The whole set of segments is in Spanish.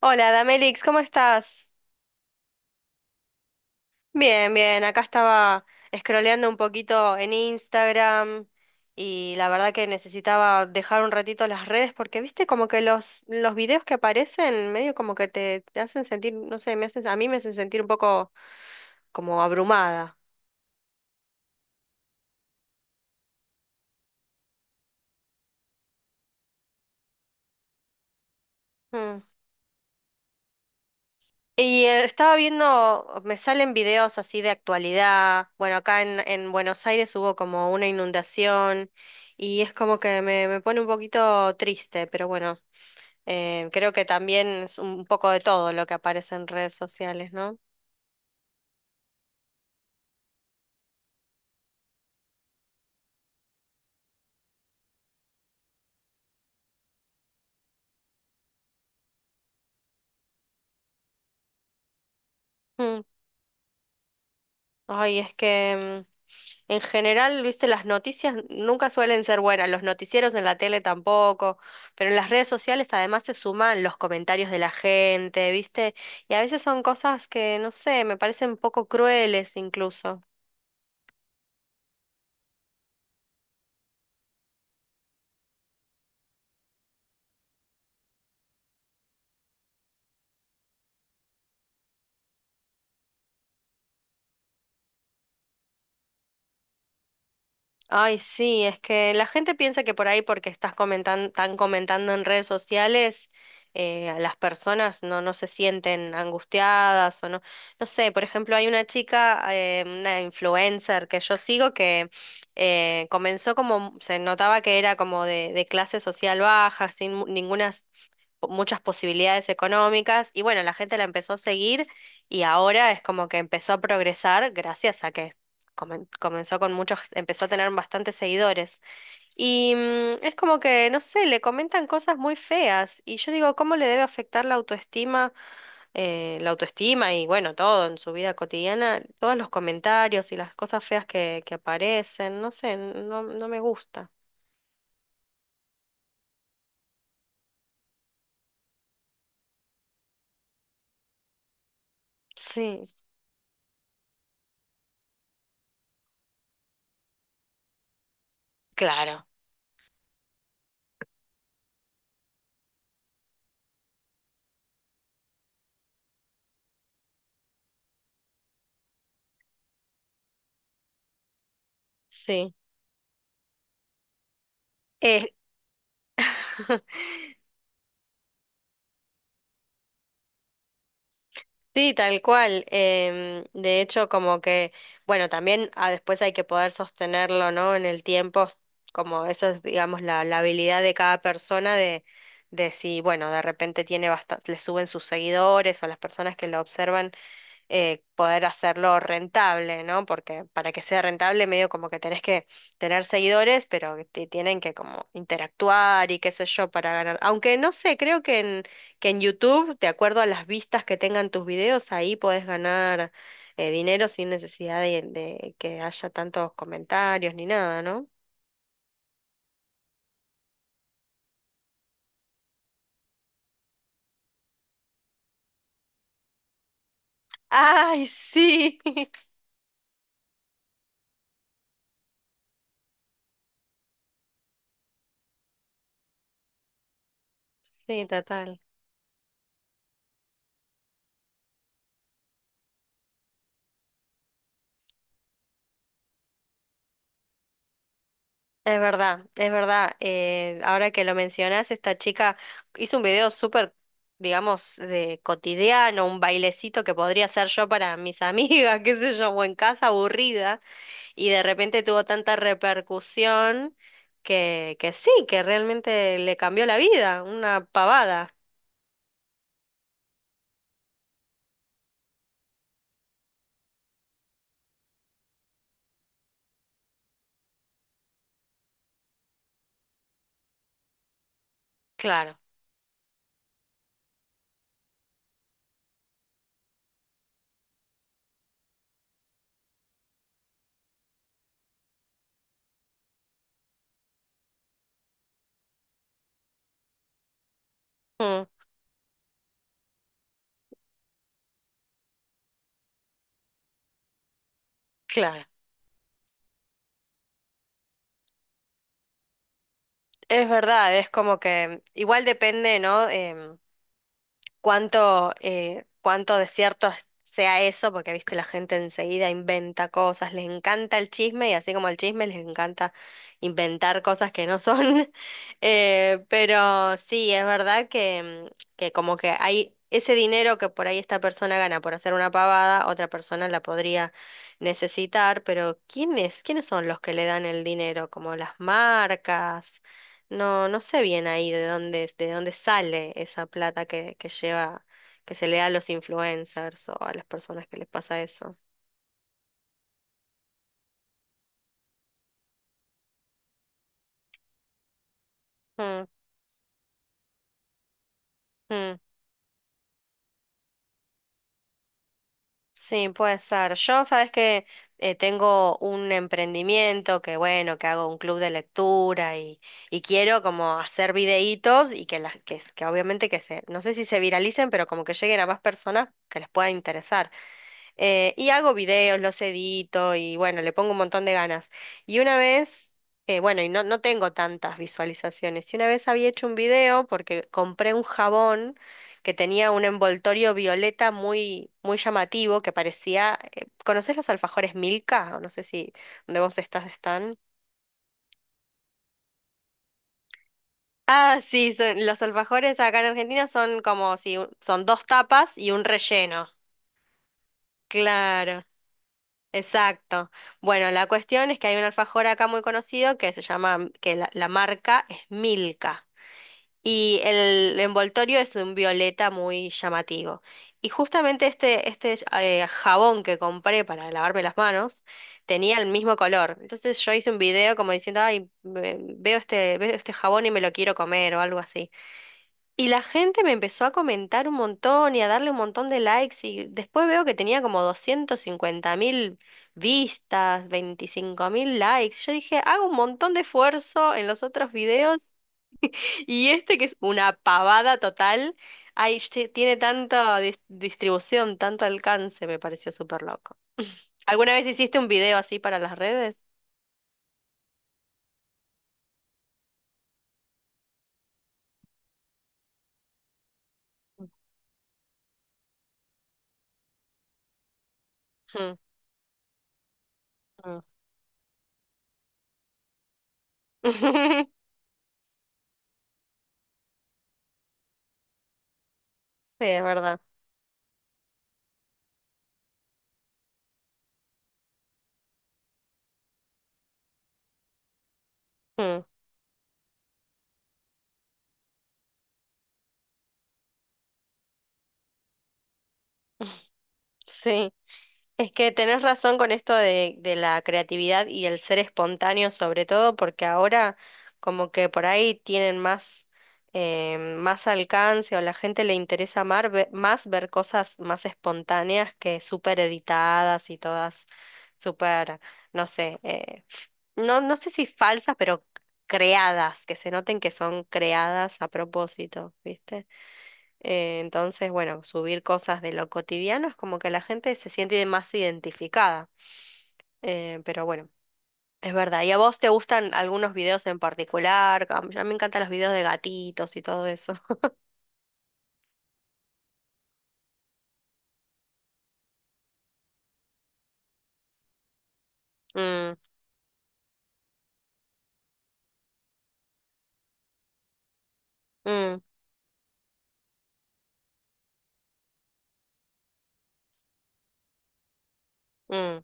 Hola, Damelix, ¿cómo estás? Bien, bien, acá estaba scrolleando un poquito en Instagram y la verdad que necesitaba dejar un ratito las redes porque viste como que los videos que aparecen medio como que te hacen sentir, no sé, me haces, a mí me hacen sentir un poco como abrumada. Mm. Y estaba viendo, me salen videos así de actualidad. Bueno, acá en Buenos Aires hubo como una inundación y es como que me pone un poquito triste, pero bueno, creo que también es un poco de todo lo que aparece en redes sociales, ¿no? Mm. Ay, es que en general, viste, las noticias nunca suelen ser buenas, los noticieros en la tele tampoco, pero en las redes sociales además se suman los comentarios de la gente, viste, y a veces son cosas que, no sé, me parecen un poco crueles incluso. Ay, sí, es que la gente piensa que por ahí porque estás comentando, están comentando en redes sociales, las personas no se sienten angustiadas o no, no sé, por ejemplo, hay una chica, una influencer que yo sigo que comenzó como, se notaba que era como de clase social baja, sin ninguna muchas posibilidades económicas y bueno, la gente la empezó a seguir y ahora es como que empezó a progresar gracias a que comenzó con muchos, empezó a tener bastantes seguidores. Y es como que, no sé, le comentan cosas muy feas y yo digo, ¿cómo le debe afectar la autoestima y bueno, todo en su vida cotidiana, todos los comentarios y las cosas feas que aparecen, no sé, no me gusta. Sí, claro, sí. Eh, Sí, tal cual. De hecho, como que, bueno, también después hay que poder sostenerlo, ¿no? En el tiempo, como eso es, digamos, la habilidad de cada persona de si, bueno, de repente tiene bastante, le suben sus seguidores o las personas que lo observan poder hacerlo rentable, ¿no? Porque para que sea rentable, medio como que tenés que tener seguidores, pero que te tienen que como interactuar y qué sé yo para ganar. Aunque no sé, creo que que en YouTube, de acuerdo a las vistas que tengan tus videos, ahí podés ganar dinero sin necesidad de que haya tantos comentarios ni nada, ¿no? Ay, sí. Sí, total. Es verdad, es verdad. Ahora que lo mencionas, esta chica hizo un video súper, digamos, de cotidiano, un bailecito que podría hacer yo para mis amigas, qué sé yo, o en casa aburrida, y de repente tuvo tanta repercusión que sí, que realmente le cambió la vida, una pavada. Claro, mm, claro. Es verdad, es como que igual depende, ¿no? Cuánto, cuánto de cierto sea eso, porque viste, la gente enseguida inventa cosas, les encanta el chisme y así como el chisme les encanta inventar cosas que no son. Pero sí, es verdad que, que como que hay ese dinero que por ahí esta persona gana por hacer una pavada, otra persona la podría necesitar, pero ¿quiénes, quiénes son los que le dan el dinero? Como las marcas. No, no sé bien ahí de dónde sale esa plata que lleva, que se le da a los influencers o a las personas que les pasa eso. Mm, mm. Sí, puede ser. Yo, sabes que tengo un emprendimiento que, bueno, que hago un club de lectura y quiero como hacer videitos y que las que obviamente que se, no sé si se viralicen, pero como que lleguen a más personas que les pueda interesar. Y hago videos, los edito y bueno, le pongo un montón de ganas. Y una vez, bueno, y no, no tengo tantas visualizaciones. Y una vez había hecho un video porque compré un jabón que tenía un envoltorio violeta muy, muy llamativo que parecía. ¿Conocés los alfajores Milka? O no sé si donde vos estás están. Ah, sí, los alfajores acá en Argentina son como si son dos tapas y un relleno. Claro. Exacto. Bueno, la cuestión es que hay un alfajor acá muy conocido que se llama, que la marca es Milka. Y el envoltorio es de un violeta muy llamativo. Y justamente este, este jabón que compré para lavarme las manos tenía el mismo color. Entonces yo hice un video como diciendo, ay, veo este jabón y me lo quiero comer o algo así. Y la gente me empezó a comentar un montón y a darle un montón de likes y después veo que tenía como 250.000 vistas, 25.000 likes. Yo dije, hago un montón de esfuerzo en los otros videos y este que es una pavada total, ay, che, tiene tanta distribución, tanto alcance, me pareció súper loco. ¿Alguna vez hiciste un video así para las redes? Mm, mm. Sí, es verdad. Mm, Sí. Es que tenés razón con esto de la creatividad y el ser espontáneo sobre todo, porque ahora como que por ahí tienen más, más alcance o la gente le interesa más ver cosas más espontáneas que súper editadas y todas súper, no sé, no sé si falsas, pero creadas, que se noten que son creadas a propósito, ¿viste? Entonces, bueno, subir cosas de lo cotidiano es como que la gente se siente más identificada. Pero bueno, es verdad. ¿Y a vos te gustan algunos videos en particular? A mí me encantan los videos de gatitos y todo eso. Mm, mm, mm.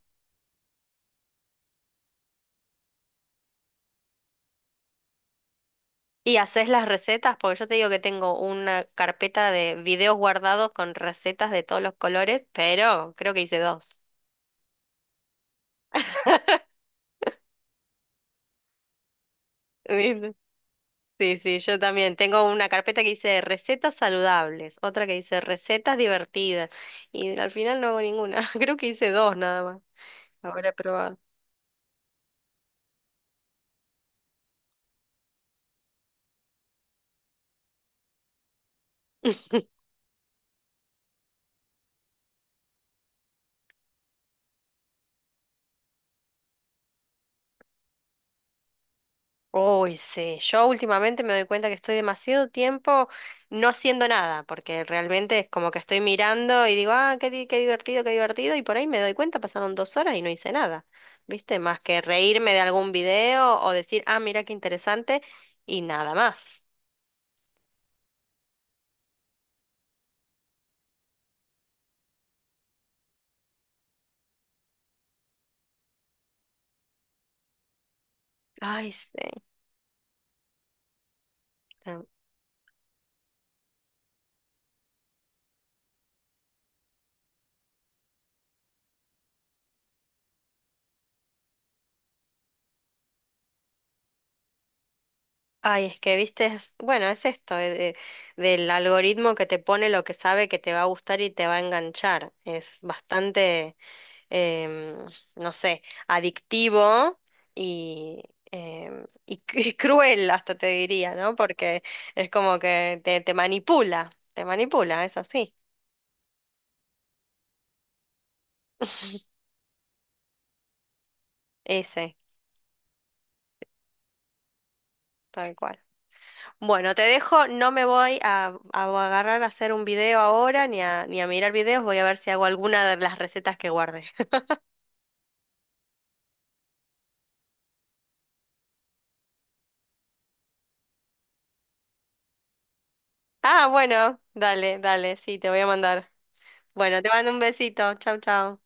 ¿Y haces las recetas? Porque yo te digo que tengo una carpeta de videos guardados con recetas de todos los colores, pero creo que hice dos. Sí, sí, yo también. Tengo una carpeta que dice recetas saludables, otra que dice recetas divertidas y al final no hago ninguna. Creo que hice dos nada más. Ahora he probado. Uy, sí, yo últimamente me doy cuenta que estoy demasiado tiempo no haciendo nada, porque realmente es como que estoy mirando y digo, ah, qué, qué divertido, y por ahí me doy cuenta, pasaron 2 horas y no hice nada, ¿viste? Más que reírme de algún video o decir, ah, mira qué interesante, y nada más. Ay, sí. Ay, es que viste, bueno, es esto, del algoritmo que te pone lo que sabe que te va a gustar y te va a enganchar. Es bastante, em, no sé, adictivo y, y, y cruel hasta te diría, ¿no? Porque es como que te manipula, es así, ese, tal cual. Bueno, te dejo, no me voy a agarrar a hacer un video ahora ni a mirar videos, voy a ver si hago alguna de las recetas que guardé. Ah, bueno, dale, dale, sí, te voy a mandar. Bueno, te mando un besito. Chau, chau.